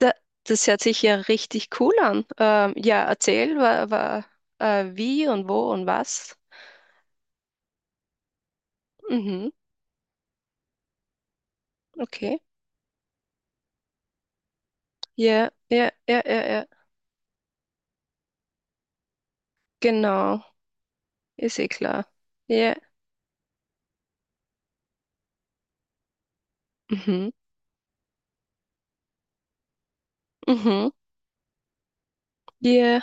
Da, das hört sich ja richtig cool an. Ja, erzähl, wie und wo und was. Mhm, okay. Ja, ja, ja, ja, ja. Genau, ist eh klar. Ja, mhm, mhm. Ja,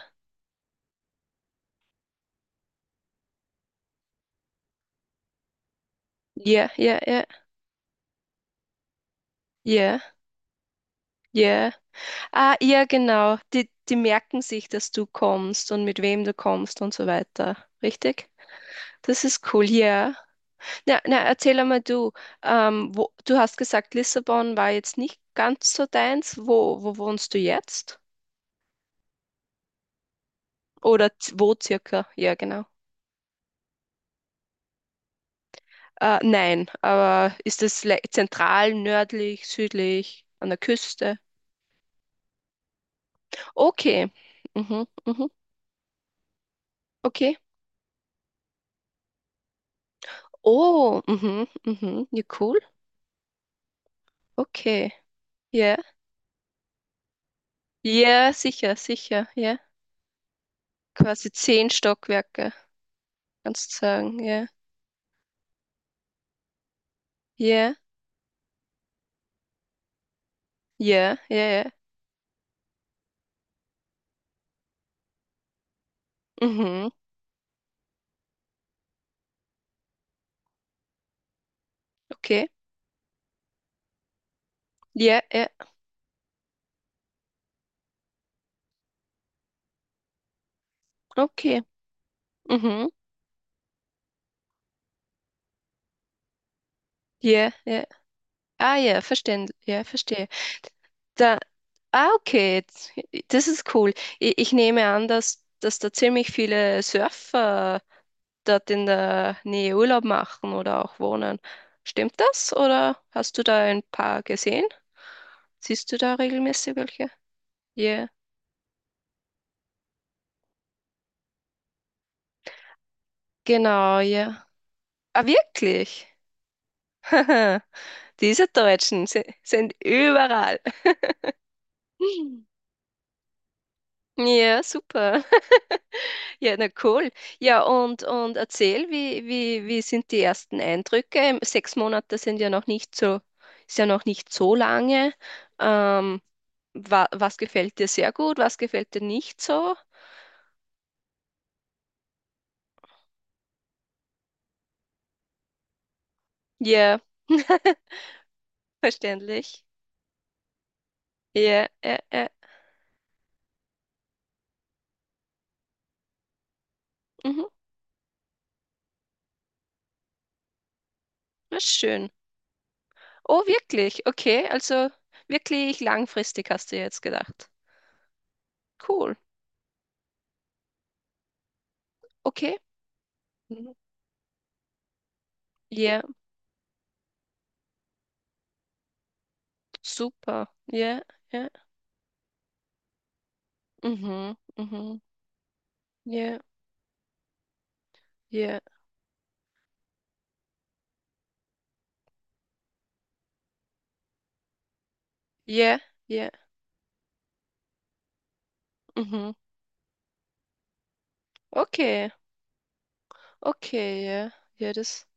ja, ja, ja, ja, ja. Ah, ja, genau. Die merken sich, dass du kommst und mit wem du kommst und so weiter. Richtig? Das ist cool, ja. Na, na, erzähl einmal du, wo, du hast gesagt, Lissabon war jetzt nicht ganz so deins. Wo wohnst du jetzt? Oder z- wo circa? Ja, genau. Nein, aber ist es le- zentral, nördlich, südlich, an der Küste? Okay. Mhm, mhm, okay. Oh, mhm, mhm. Ja, cool. Okay. Ja. Ja, sicher, sicher. Ja. Quasi zehn Stockwerke, kannst du sagen. Ja. Ja, ja, ja, ja. Mhm, okay. Ja, ja, okay. Mhm. Ja, ja. Ah ja, verstehen, ja, verstehe. Da, ah, okay, jetzt- das ist cool. Ich nehme an, dass da ziemlich viele Surfer dort in der Nähe Urlaub machen oder auch wohnen. Stimmt das? Oder hast du da ein paar gesehen? Siehst du da regelmäßig welche? Ja, genau, ja. Ah, wirklich? Diese Deutschen si- sind überall. Ja, super. Ja, na cool. Ja, und erzähl, wie sind die ersten Eindrücke? 6 Monate sind ja noch nicht so, ist ja noch nicht so lange. Ähm, Wa was gefällt dir sehr gut? Was gefällt dir nicht so? Ja, verständlich. Ja, ja. Mhm, na schön. Oh, wirklich? Okay, also wirklich langfristig hast du ja jetzt gedacht. Cool. Okay. Mhm. Ja, super. Ja, ja. Mhm, mhm. Ja. Ja, ja, ja. Mhm. Okay, okay, ja. Ja, das,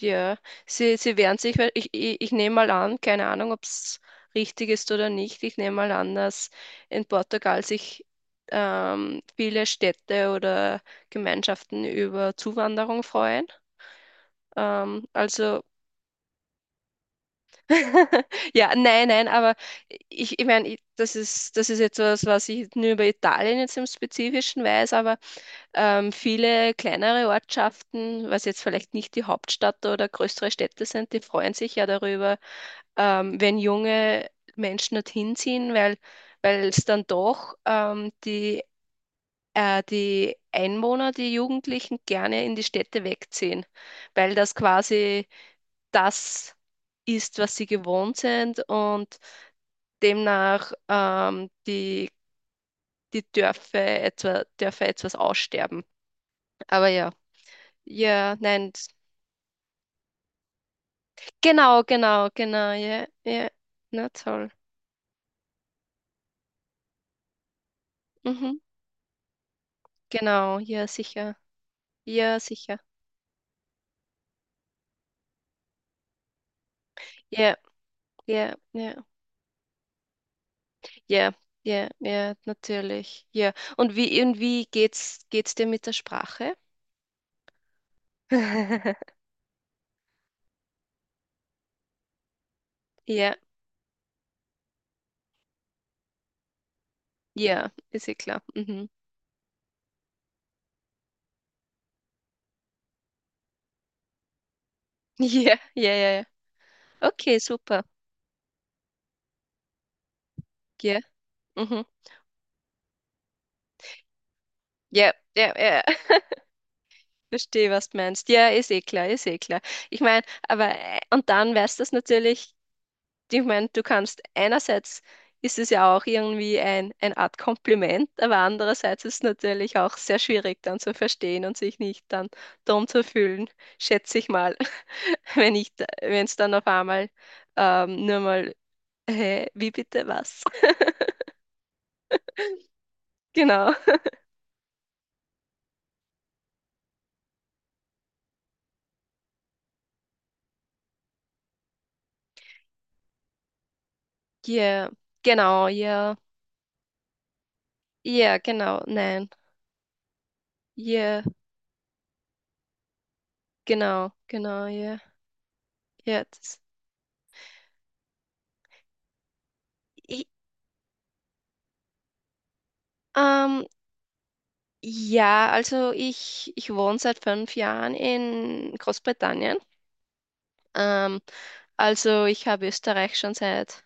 ja. Sie wehren sich, weil ich nehme mal an, keine Ahnung, ob es richtig ist oder nicht. Ich nehme mal an, dass in Portugal sich viele Städte oder Gemeinschaften über Zuwanderung freuen. Ähm, also, ja, nein, aber ich meine, ich- das ist etwas, was ich nur über Italien jetzt im Spezifischen weiß, aber viele kleinere Ortschaften, was jetzt vielleicht nicht die Hauptstadt oder größere Städte sind, die freuen sich ja darüber, wenn junge Menschen dorthin ziehen, weil es dann doch die Einwohner, die Jugendlichen gerne in die Städte wegziehen, weil das quasi das ist, was sie gewohnt sind und demnach die, Dörfer etwas aussterben. Aber ja. Ja, nein, das- genau, genau, genau, ja, ja, na toll. Mhm, genau, ja, sicher, ja, sicher, ja, ja, ja, ja, ja, ja, natürlich, ja. Und wie geht's, geht's dir mit der Sprache? Ja, ja, ist ja klar. Mhm. Ja, ja, ja, ja. Okay, super. Ja, mhm. Ja, ja, ja. Verstehe, was du meinst. Ja, ist eh klar, ist eh klar. Ich meine, und dann weißt du das natürlich ich meine, du kannst einerseits ist es ja auch irgendwie ein, eine Art Kompliment, aber andererseits ist es natürlich auch sehr schwierig dann zu verstehen und sich nicht dann dumm zu fühlen, schätze ich mal, wenn ich, wenn es dann auf einmal nur mal, hä, wie bitte was? Genau. Yeah, genau, yeah, yeah, genau, nein, yeah, genau, genau, yeah, yeah. Das, ich, ähm, ja, also ich wohne seit 5 Jahren in Großbritannien. Ähm, also ich habe Österreich schon seit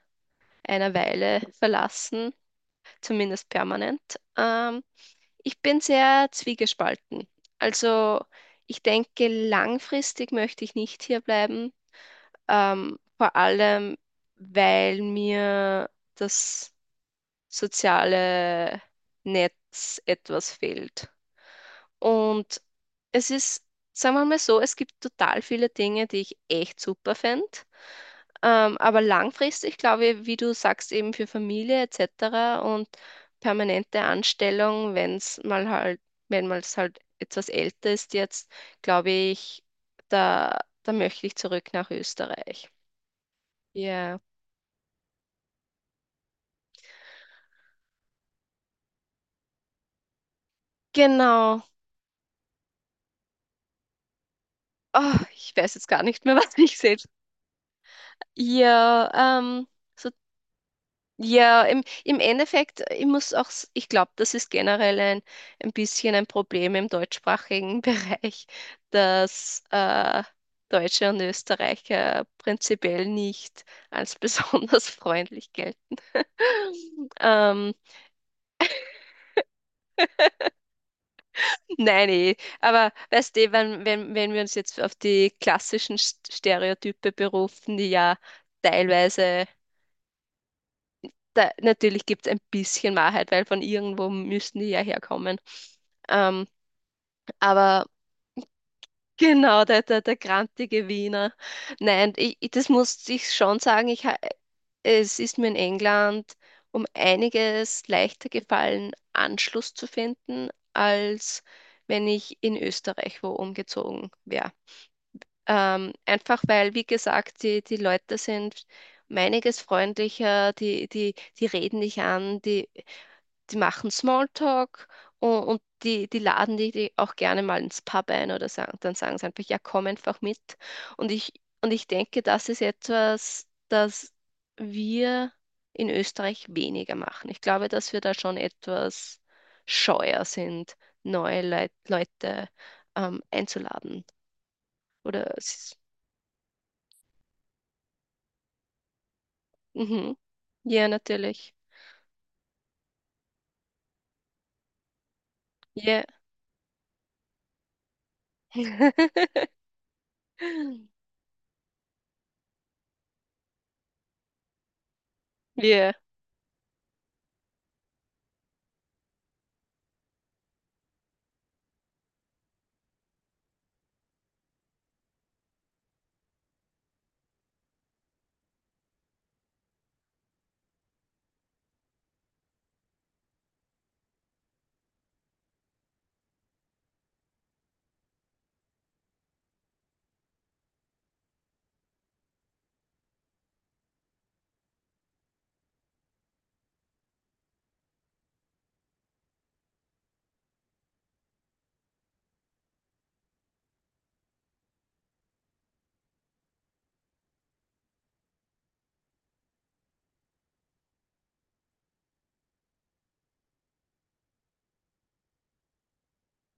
einer Weile verlassen, zumindest permanent. Ähm, Ich bin sehr zwiegespalten. Also ich denke, langfristig möchte ich nicht hier bleiben, vor allem weil mir das soziale Netz etwas fehlt. Und es ist, sagen wir mal so, es gibt total viele Dinge, die ich echt super fände. Aber langfristig, glaube ich, wie du sagst, eben für Familie etc. und permanente Anstellung, wenn es mal halt, wenn man es halt etwas älter ist jetzt, glaube ich, da, da möchte ich zurück nach Österreich. Ja, genau. Oh, ich weiß jetzt gar nicht mehr, was ich sel- Ja, ähm, so, ja, im, im Endeffekt, ich muss auch, s- ich glaube, das ist generell ein bisschen ein Problem im deutschsprachigen Bereich, dass Deutsche und Österreicher prinzipiell nicht als besonders freundlich gelten. Ähm, nein, eh. Aber weißt du, wenn wir uns jetzt auf die klassischen St- Stereotype berufen, die ja teilweise. Da, natürlich gibt es ein bisschen Wahrheit, weil von irgendwo müssen die ja herkommen. Ähm, aber genau, der grantige Wiener. Nein, ich- das muss ich schon sagen, ich, ha- es ist mir in England um einiges leichter gefallen, Anschluss zu finden, als wenn ich in Österreich wo umgezogen wäre. Einfach weil, wie gesagt, die Leute sind um einiges freundlicher, die reden dich an, die machen Smalltalk und, und die laden die auch gerne mal ins Pub ein oder sagen, dann sagen sie einfach, ja, komm einfach mit. Und ich, und ich denke, das ist etwas, das wir in Österreich weniger machen. Ich glaube, dass wir da schon etwas scheuer sind, neue Leit Leute einzuladen. Oder es ist- mhm. Ja, natürlich. Ja. Ja.